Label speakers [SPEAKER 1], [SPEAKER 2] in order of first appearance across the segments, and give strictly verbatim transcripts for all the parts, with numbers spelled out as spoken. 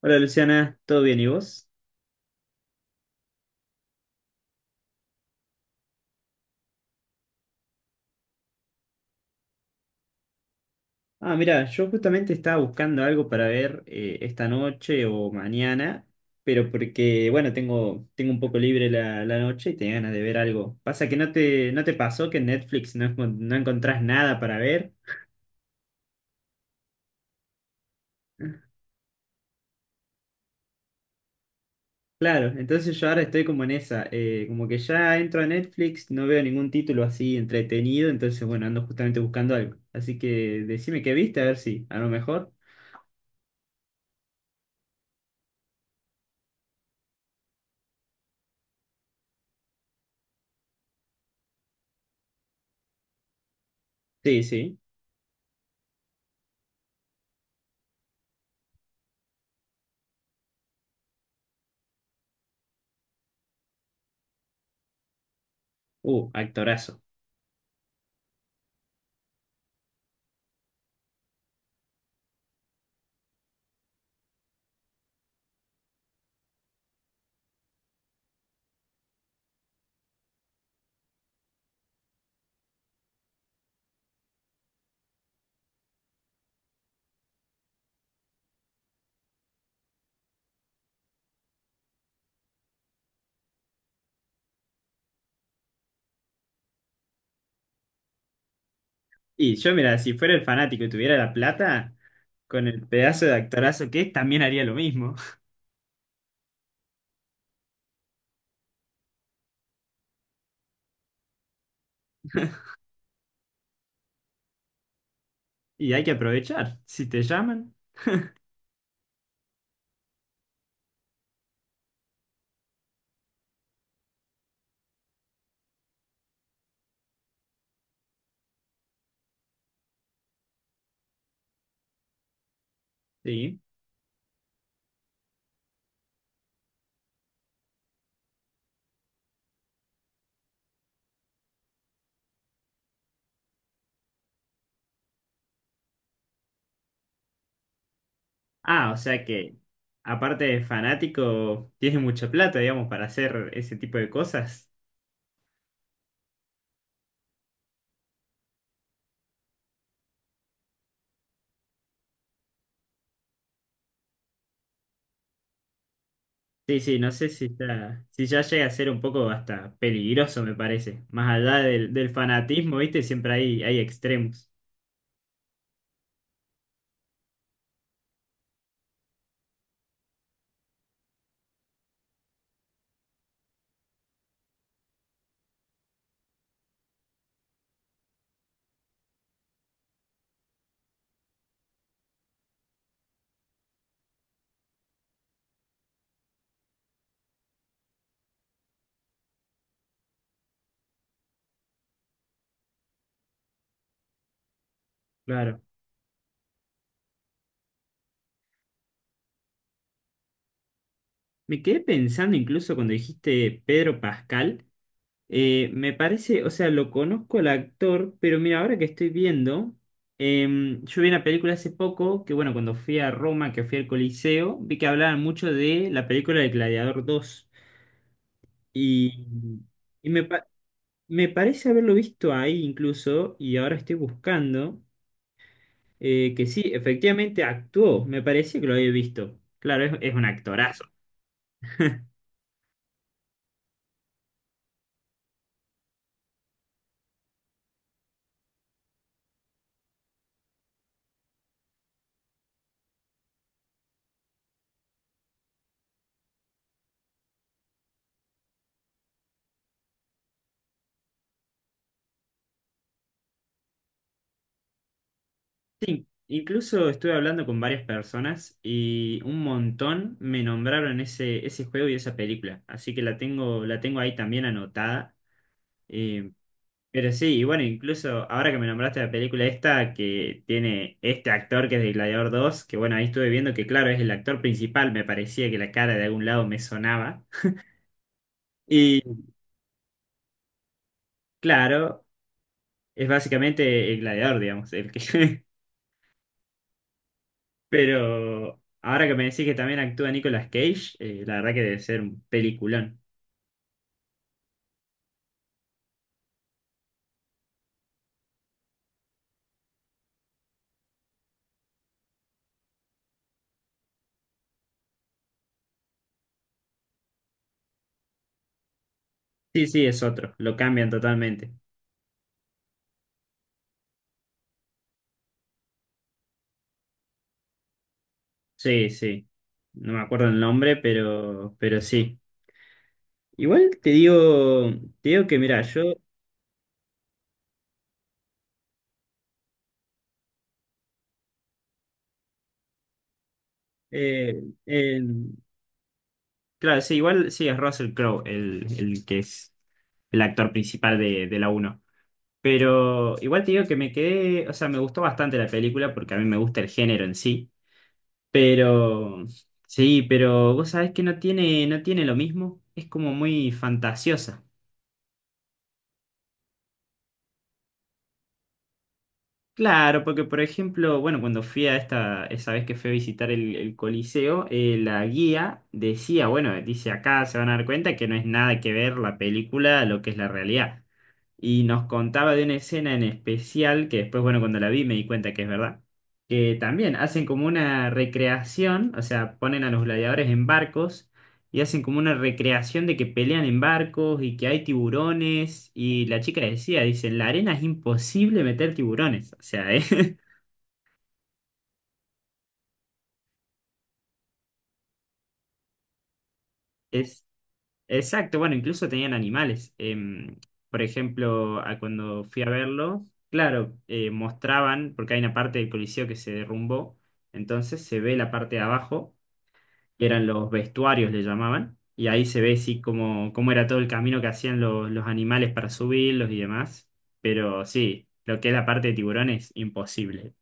[SPEAKER 1] Hola Luciana, ¿todo bien y vos? Ah, mira, yo justamente estaba buscando algo para ver eh, esta noche o mañana, pero porque, bueno, tengo, tengo un poco libre la, la noche y tenía ganas de ver algo. Pasa que no te, no te pasó que en Netflix no, encon- no encontrás nada para ver. Claro, entonces yo ahora estoy como en esa, eh, como que ya entro a Netflix, no veo ningún título así entretenido, entonces bueno, ando justamente buscando algo. Así que decime qué viste, a ver si, a lo mejor. Sí, sí. Uh, actorazo. Y yo, mira, si fuera el fanático y tuviera la plata, con el pedazo de actorazo que es, también haría lo mismo. Y hay que aprovechar. Si te llaman, sí. Ah, o sea que, aparte de fanático, tienes mucha plata, digamos, para hacer ese tipo de cosas. Sí, sí, no sé si está, si ya llega a ser un poco hasta peligroso, me parece. Más allá del, del fanatismo, ¿viste? Siempre hay, hay extremos. Claro. Me quedé pensando incluso cuando dijiste Pedro Pascal. Eh, me parece, o sea, lo conozco al actor, pero mira, ahora que estoy viendo, em, yo vi una película hace poco, que bueno, cuando fui a Roma, que fui al Coliseo, vi que hablaban mucho de la película de Gladiador dos. Y, y me, pa- Me parece haberlo visto ahí incluso, y ahora estoy buscando, eh, que sí, efectivamente actuó, me parecía que lo había visto. Claro, es, es un actorazo. In- Incluso estuve hablando con varias personas y un montón me nombraron ese, ese juego y esa película, así que la tengo, la tengo ahí también anotada. Eh, pero sí, y bueno, incluso ahora que me nombraste la película esta que tiene este actor que es de Gladiador dos, que bueno, ahí estuve viendo que claro, es el actor principal, me parecía que la cara de algún lado me sonaba. Y claro, es básicamente el Gladiador, digamos, el que. Pero ahora que me decís que también actúa Nicolas Cage, eh, la verdad que debe ser un peliculón. Sí, sí, es otro, lo cambian totalmente. Sí, sí. No me acuerdo el nombre, pero, pero sí. Igual te digo, te digo que mira, yo, eh, en- claro, sí, igual sí es Russell Crowe el, el que es el actor principal de, de la uno. Pero igual te digo que me quedé, o sea, me gustó bastante la película porque a mí me gusta el género en sí. Pero sí, pero vos sabés que no tiene, no tiene lo mismo, es como muy fantasiosa. Claro, porque por ejemplo, bueno, cuando fui a esta, esa vez que fui a visitar el, el Coliseo, eh, la guía decía, bueno, dice acá se van a dar cuenta que no es nada que ver la película a lo que es la realidad. Y nos contaba de una escena en especial, que después, bueno, cuando la vi me di cuenta que es verdad, que también hacen como una recreación, o sea, ponen a los gladiadores en barcos y hacen como una recreación de que pelean en barcos y que hay tiburones. Y la chica decía, dice, en la arena es imposible meter tiburones. O sea, eh, es exacto. Bueno, incluso tenían animales. Em, por ejemplo, a cuando fui a verlo, claro, eh, mostraban, porque hay una parte del Coliseo que se derrumbó, entonces se ve la parte de abajo, que eran los vestuarios, le llamaban, y ahí se ve sí cómo, cómo era todo el camino que hacían los, los animales para subirlos y demás, pero sí, lo que es la parte de tiburón es imposible.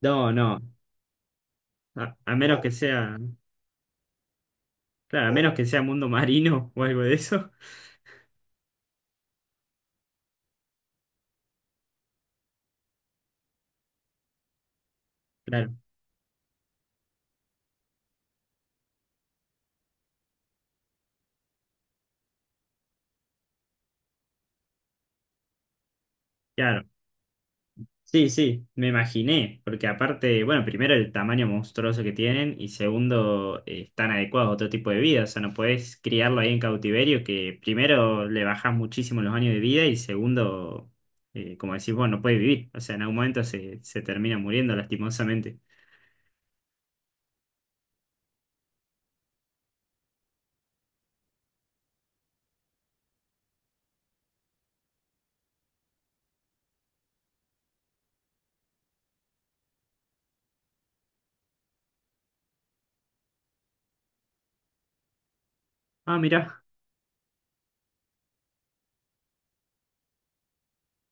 [SPEAKER 1] No, no, a, a menos que sea, claro, a menos que sea mundo marino o algo de eso, claro, claro. Sí, sí, me imaginé, porque aparte, bueno, primero el tamaño monstruoso que tienen y segundo, eh, están adecuados a otro tipo de vida, o sea, no podés criarlo ahí en cautiverio, que primero le bajás muchísimo los años de vida y segundo, eh, como decís vos, no puede vivir, o sea, en algún momento se, se termina muriendo lastimosamente. Ah, mirá,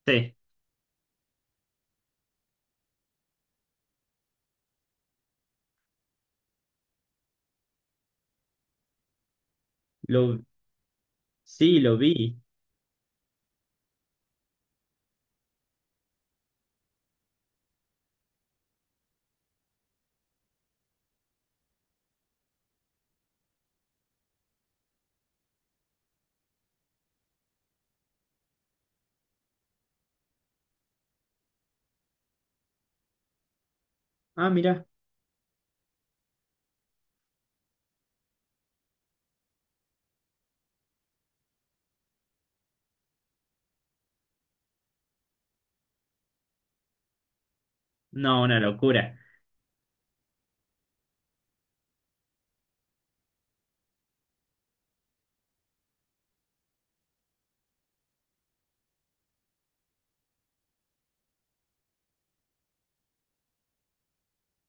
[SPEAKER 1] sí, lo, sí, lo vi. Ah, mirá, no, una locura.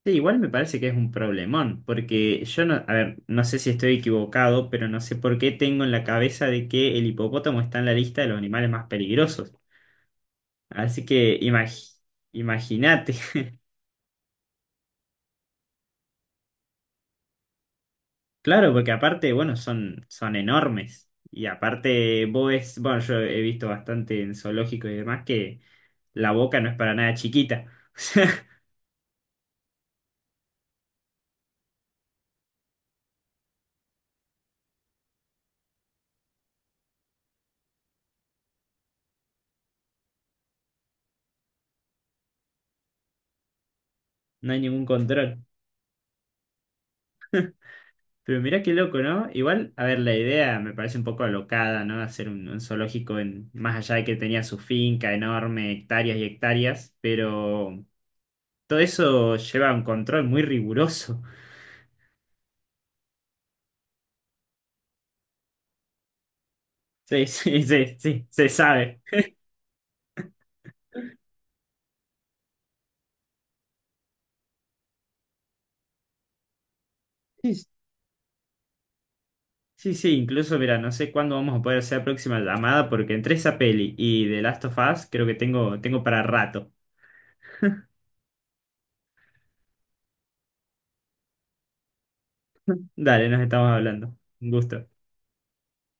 [SPEAKER 1] Sí, igual me parece que es un problemón, porque yo no, a ver, no sé si estoy equivocado, pero no sé por qué tengo en la cabeza de que el hipopótamo está en la lista de los animales más peligrosos. Así que imag- imagínate. Claro, porque aparte, bueno, son, son enormes. Y aparte, vos ves, bueno, yo he visto bastante en zoológicos y demás que la boca no es para nada chiquita. O sea, no hay ningún control. Pero mirá qué loco, ¿no? Igual, a ver, la idea me parece un poco alocada, ¿no? Hacer un, un zoológico en, más allá de que tenía su finca enorme, hectáreas y hectáreas, pero todo eso lleva un control muy riguroso. Sí, sí, sí, sí, se sabe. Sí, sí, sí, incluso, mira, no sé cuándo vamos a poder hacer la próxima llamada porque entre esa peli y The Last of Us creo que tengo, tengo para rato. Dale, nos estamos hablando. Un gusto.